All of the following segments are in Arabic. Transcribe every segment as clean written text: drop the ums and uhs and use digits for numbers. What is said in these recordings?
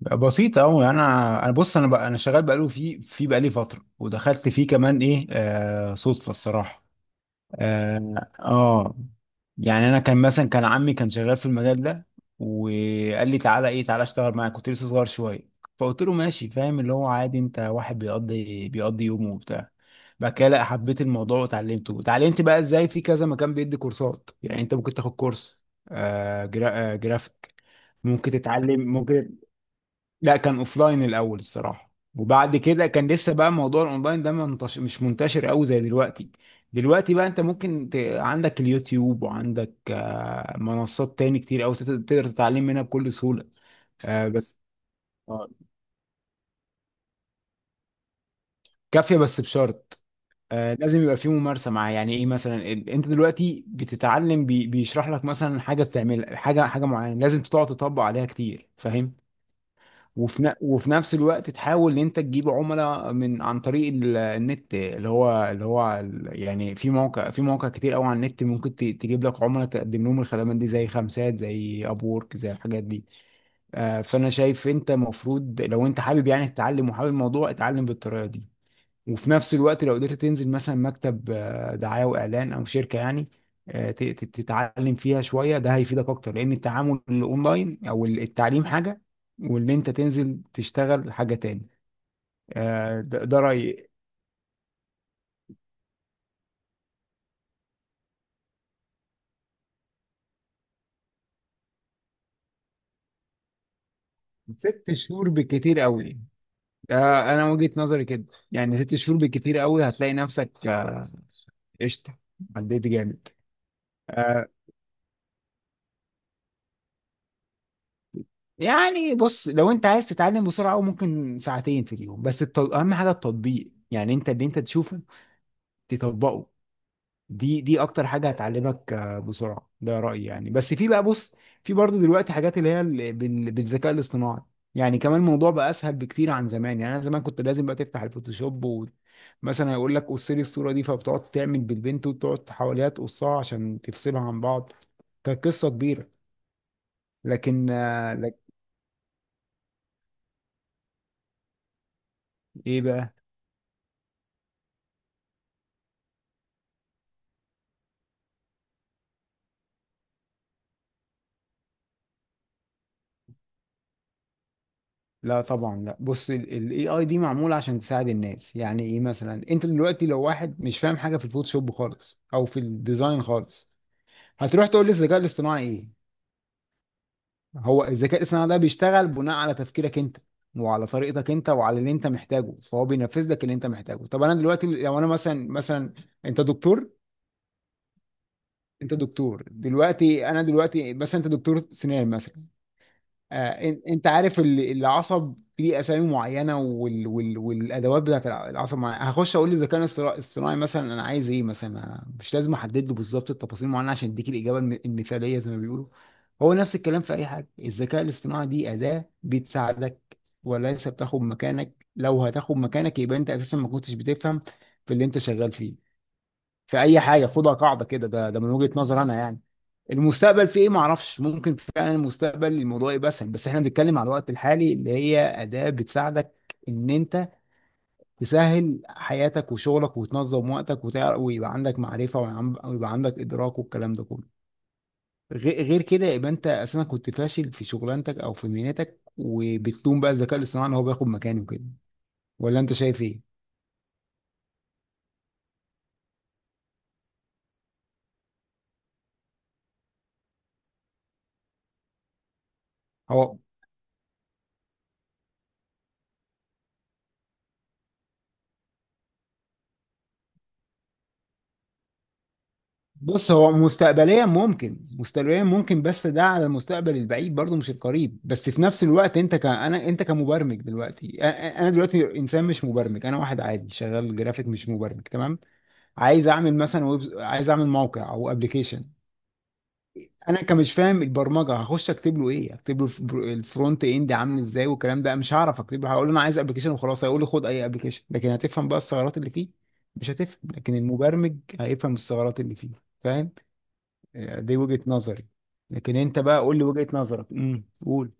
بسيطة أوي. أنا بص، أنا بقى أنا شغال بقاله في بقالي فترة، ودخلت فيه كمان إيه صدفة الصراحة. آه, آه يعني أنا كان مثلا كان عمي كان شغال في المجال ده، وقال لي تعالى إيه تعالى أشتغل معاك، كنت لسه صغير شوية. فقلت له ماشي، فاهم اللي هو عادي، أنت واحد بيقضي يومه وبتاع. بعد كده لا حبيت الموضوع وتعلمته، وتعلمت بقى إزاي، في كذا مكان بيدي كورسات، يعني أنت ممكن تاخد كورس جرافيك. ممكن تتعلم ممكن. لا، كان اوفلاين الاول الصراحه، وبعد كده كان لسه بقى موضوع الاونلاين ده مش منتشر قوي زي دلوقتي. دلوقتي بقى انت ممكن عندك اليوتيوب، وعندك منصات تاني كتير قوي تقدر تتعلم منها بكل سهوله. بس. آه، كافيه بس بشرط. لازم يبقى في ممارسه معاه، يعني ايه، مثلا انت دلوقتي بتتعلم بيشرح لك مثلا حاجه بتعملها، حاجه معينه لازم تقعد تطبق عليها كتير، فاهم. وفي نفس الوقت تحاول ان انت تجيب عملاء من عن طريق النت، اللي هو يعني في مواقع كتير قوي على النت ممكن تجيب لك عملاء، تقدم لهم الخدمات دي زي خمسات زي ابورك زي الحاجات دي. فانا شايف انت المفروض لو انت حابب يعني تتعلم وحابب الموضوع، اتعلم بالطريقه دي. وفي نفس الوقت لو قدرت تنزل مثلا مكتب دعاية وإعلان أو شركة يعني، تتعلم فيها شوية، ده هيفيدك أكتر، لأن التعامل الأونلاين أو التعليم حاجة، واللي أنت تنزل تشتغل حاجة تاني. ده رأيي. ست شهور بالكتير قوي. أنا وجهة نظري كده، يعني ست شهور بالكتير قوي هتلاقي نفسك قشطة، عديت جامد. آه، يعني بص، لو انت عايز تتعلم بسرعة أوي، ممكن ساعتين في اليوم، بس اهم حاجة التطبيق، يعني انت اللي انت تشوفه تطبقه. دي اكتر حاجه هتعلمك بسرعه، ده رايي يعني. بس في بقى، بص، في برضو دلوقتي حاجات اللي هي بالذكاء الاصطناعي، يعني كمان الموضوع بقى اسهل بكتير عن زمان. يعني انا زمان كنت لازم بقى تفتح الفوتوشوب، ومثلا يقول لك قص لي الصوره دي، فبتقعد تعمل بالبنت وتقعد حواليها تقصها عشان تفصلها عن بعض، كانت قصه كبيره. لكن لك ايه بقى، لا طبعا لا. بص، الاي اي دي معموله عشان تساعد الناس، يعني ايه، مثلا انت دلوقتي لو واحد مش فاهم حاجه في الفوتوشوب خالص او في الديزاين خالص، هتروح تقول للذكاء الاصطناعي ايه. هو الذكاء الاصطناعي ده بيشتغل بناء على تفكيرك انت، وعلى طريقتك انت، وعلى اللي انت محتاجه، فهو بينفذ لك اللي انت محتاجه. طب انا دلوقتي لو انا مثلا انت دكتور. دلوقتي انا دلوقتي مثلا انت دكتور سنان مثلا. انت عارف العصب ليه اسامي معينه، والادوات بتاعت العصب معينة. هخش اقول للذكاء الاصطناعي مثلا انا عايز ايه، مثلا مش لازم احدد له بالظبط التفاصيل معينه عشان اديك الاجابه المثاليه زي ما بيقولوا. هو نفس الكلام في اي حاجه، الذكاء الاصطناعي دي اداه بتساعدك وليس بتاخد مكانك، لو هتاخد مكانك يبقى انت اساسا ما كنتش بتفهم في اللي انت شغال فيه. في اي حاجه خدها قاعده كده، ده من وجهه نظر انا يعني. المستقبل فيه ايه ما اعرفش، ممكن فعلا المستقبل الموضوع يبقى اسهل، بس احنا بنتكلم على الوقت الحالي، اللي هي اداة بتساعدك ان انت تسهل حياتك وشغلك وتنظم وقتك وتعرف ويبقى عندك معرفة، ويبقى عندك ادراك والكلام ده كله. غير كده يبقى انت اساسا كنت فاشل في شغلانتك او في مهنتك، وبتلوم بقى الذكاء الاصطناعي ان هو بياخد مكانه كده. ولا انت شايف ايه؟ هو بص، هو مستقبليا ممكن، مستقبليا ممكن، بس ده على المستقبل البعيد برضه مش القريب. بس في نفس الوقت، انت ك انا، انت كمبرمج دلوقتي، انا دلوقتي انسان مش مبرمج، انا واحد عادي شغال جرافيك مش مبرمج، تمام. عايز اعمل مثلا ويب، عايز اعمل موقع او ابلكيشن. انا كمش فاهم البرمجه، هخش اكتب له ايه، اكتب له الفرونت اند عامل ازاي والكلام ده، مش هعرف اكتب له، هقول له انا عايز ابلكيشن وخلاص هيقول لي خد اي ابلكيشن، لكن هتفهم بقى الثغرات اللي فيه؟ مش هتفهم، لكن المبرمج هيفهم الثغرات اللي فيه، فاهم. دي وجهة نظري، لكن انت بقى قول لي وجهة نظرك، قول.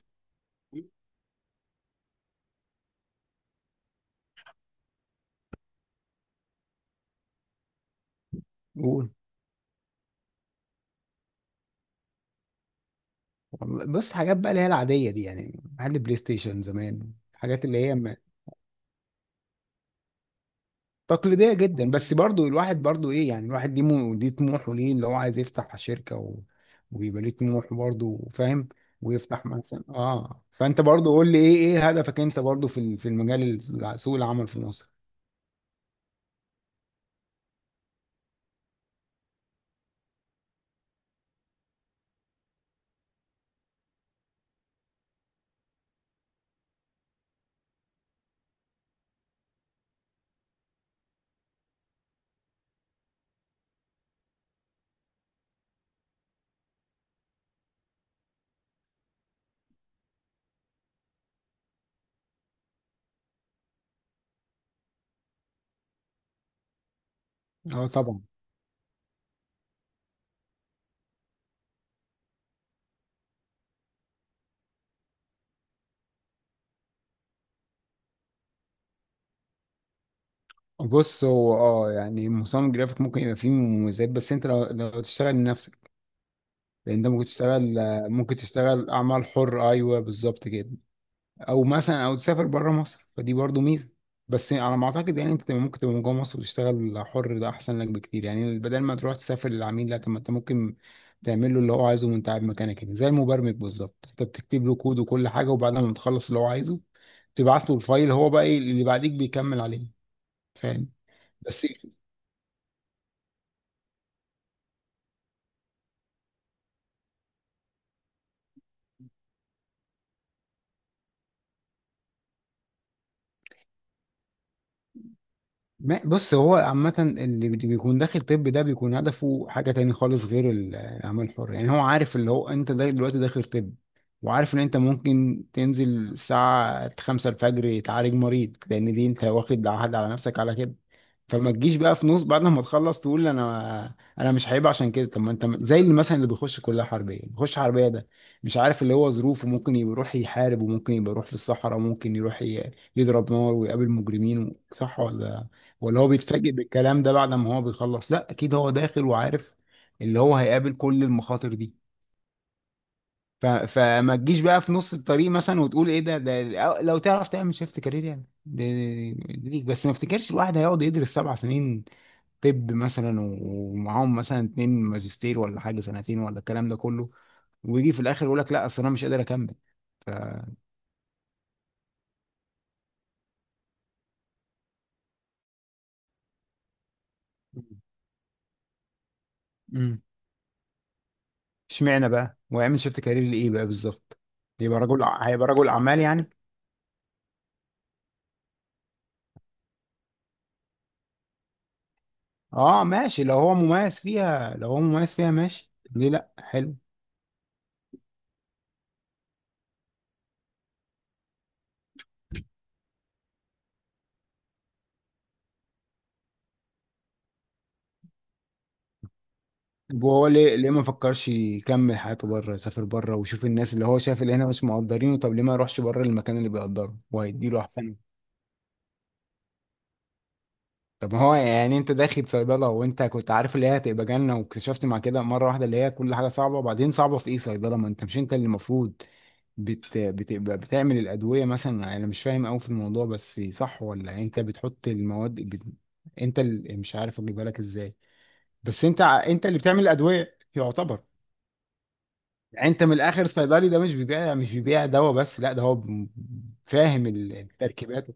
قول. والله بص، حاجات بقى اللي هي العادية دي يعني، محل بلاي ستيشن زمان، الحاجات اللي هي تقليدية جدا. بس برضو الواحد برضو ايه، يعني الواحد ليه ليه طموحه، ليه اللي هو عايز يفتح شركة و... ويبقى ليه طموح برضو، فاهم. ويفتح مثلا فانت برضو قول لي ايه، ايه هدفك انت برضو في في المجال، سوق العمل في مصر. اه طبعا. بص هو يعني مصمم جرافيك ممكن يبقى فيه مميزات، بس انت لو تشتغل لنفسك، لان ده ممكن تشتغل، ممكن تشتغل اعمال حر، ايوه بالظبط كده. او مثلا او تسافر بره مصر، فدي برضو ميزه. بس على ما اعتقد، يعني انت ممكن تبقى من جوه مصر وتشتغل حر، ده احسن لك بكتير. يعني بدل ما تروح تسافر للعميل، لا، طب ما انت ممكن تعمل له اللي هو عايزه وانت قاعد مكانك هنا، زي المبرمج بالظبط، انت بتكتب له كود وكل حاجه وبعد ما بتخلص اللي هو عايزه تبعت له الفايل. هو بقى ايه اللي بعديك بيكمل عليه، فاهم. بس ما- بص، هو عامة اللي بيكون داخل طب، ده بيكون هدفه حاجة تاني خالص غير الأعمال الحرة. يعني هو عارف اللي هو أنت دلوقتي داخل طب، وعارف إن أنت ممكن تنزل الساعة خمسة الفجر تعالج مريض، لأن دي أنت واخد عهد على نفسك على كده. فما تجيش بقى في نص بعد ما تخلص تقول انا مش، هيبقى عشان كده. طب ما انت زي اللي مثلا اللي بيخش كليه حربيه، بيخش حربيه ده مش عارف اللي هو ظروفه، ممكن يبقى يروح يحارب، وممكن يبقى يروح في الصحراء، وممكن يروح يضرب نار ويقابل مجرمين صح ولا، ولا هو بيتفاجئ بالكلام ده بعد ما هو بيخلص؟ لا اكيد هو داخل وعارف اللي هو هيقابل كل المخاطر دي. فما تجيش بقى في نص الطريق مثلا وتقول ايه ده، ده لو تعرف تعمل شيفت كارير يعني ده ده ليك. بس ما افتكرش الواحد هيقعد يدرس سبع سنين، طب مثلا ومعاهم مثلا اتنين ماجستير ولا حاجه سنتين ولا الكلام ده كله، ويجي في الاخر يقول لك لا اصل انا مش قادر اكمل. امم اشمعنى بقى ويعمل شيفت كارير لايه بقى بالظبط، يبقى هيبقى رجل اعمال يعني. اه ماشي لو هو مميز فيها، لو هو مميز فيها ماشي، ليه لا، حلو. طب وهو ليه ما فكرش يكمل حياته بره، يسافر بره ويشوف الناس، اللي هو شايف اللي هنا مش مقدرينه، طب ليه ما يروحش بره المكان اللي بيقدره وهيديله احسن. طب ما هو يعني انت داخل صيدلة وانت كنت عارف اللي هي هتبقى جنة واكتشفت مع كده مرة واحدة اللي هي كل حاجة صعبة، وبعدين صعبة في ايه، صيدلة، ما انت مش انت اللي المفروض بتبقى بتعمل الأدوية مثلا، انا مش فاهم قوي في الموضوع بس صح ولا، انت بتحط المواد انت اللي مش عارف اجيبها لك ازاي. بس انت انت اللي بتعمل الأدوية يعتبر. يعني انت من الاخر صيدلي ده مش بيبيع، مش بيبيع دواء بس، لا ده هو فاهم التركيبات.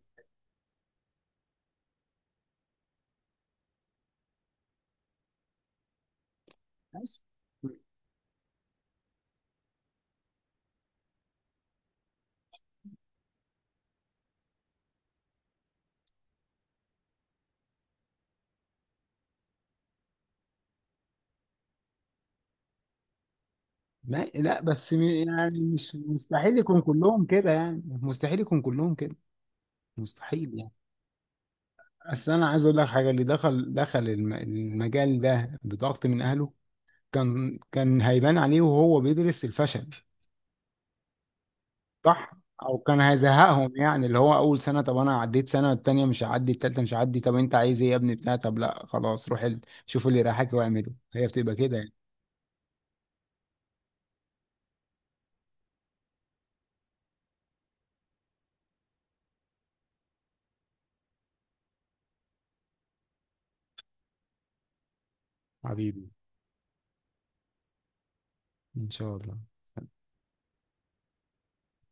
ما لا بس يعني مش مستحيل يكون كلهم كده، يعني مستحيل يكون كلهم كده، مستحيل يعني. اصل انا عايز اقول لك حاجه، اللي دخل المجال ده بضغط من اهله، كان هيبان عليه وهو بيدرس الفشل صح، او كان هيزهقهم. يعني اللي هو اول سنه، طب انا عديت سنه التانيه، مش هعدي التالته، مش هعدي، طب انت عايز ايه يا ابني بتاع طب، لا خلاص روح شوف اللي رايحك واعمله، هي بتبقى كده يعني. حبيبي، ان شاء الله.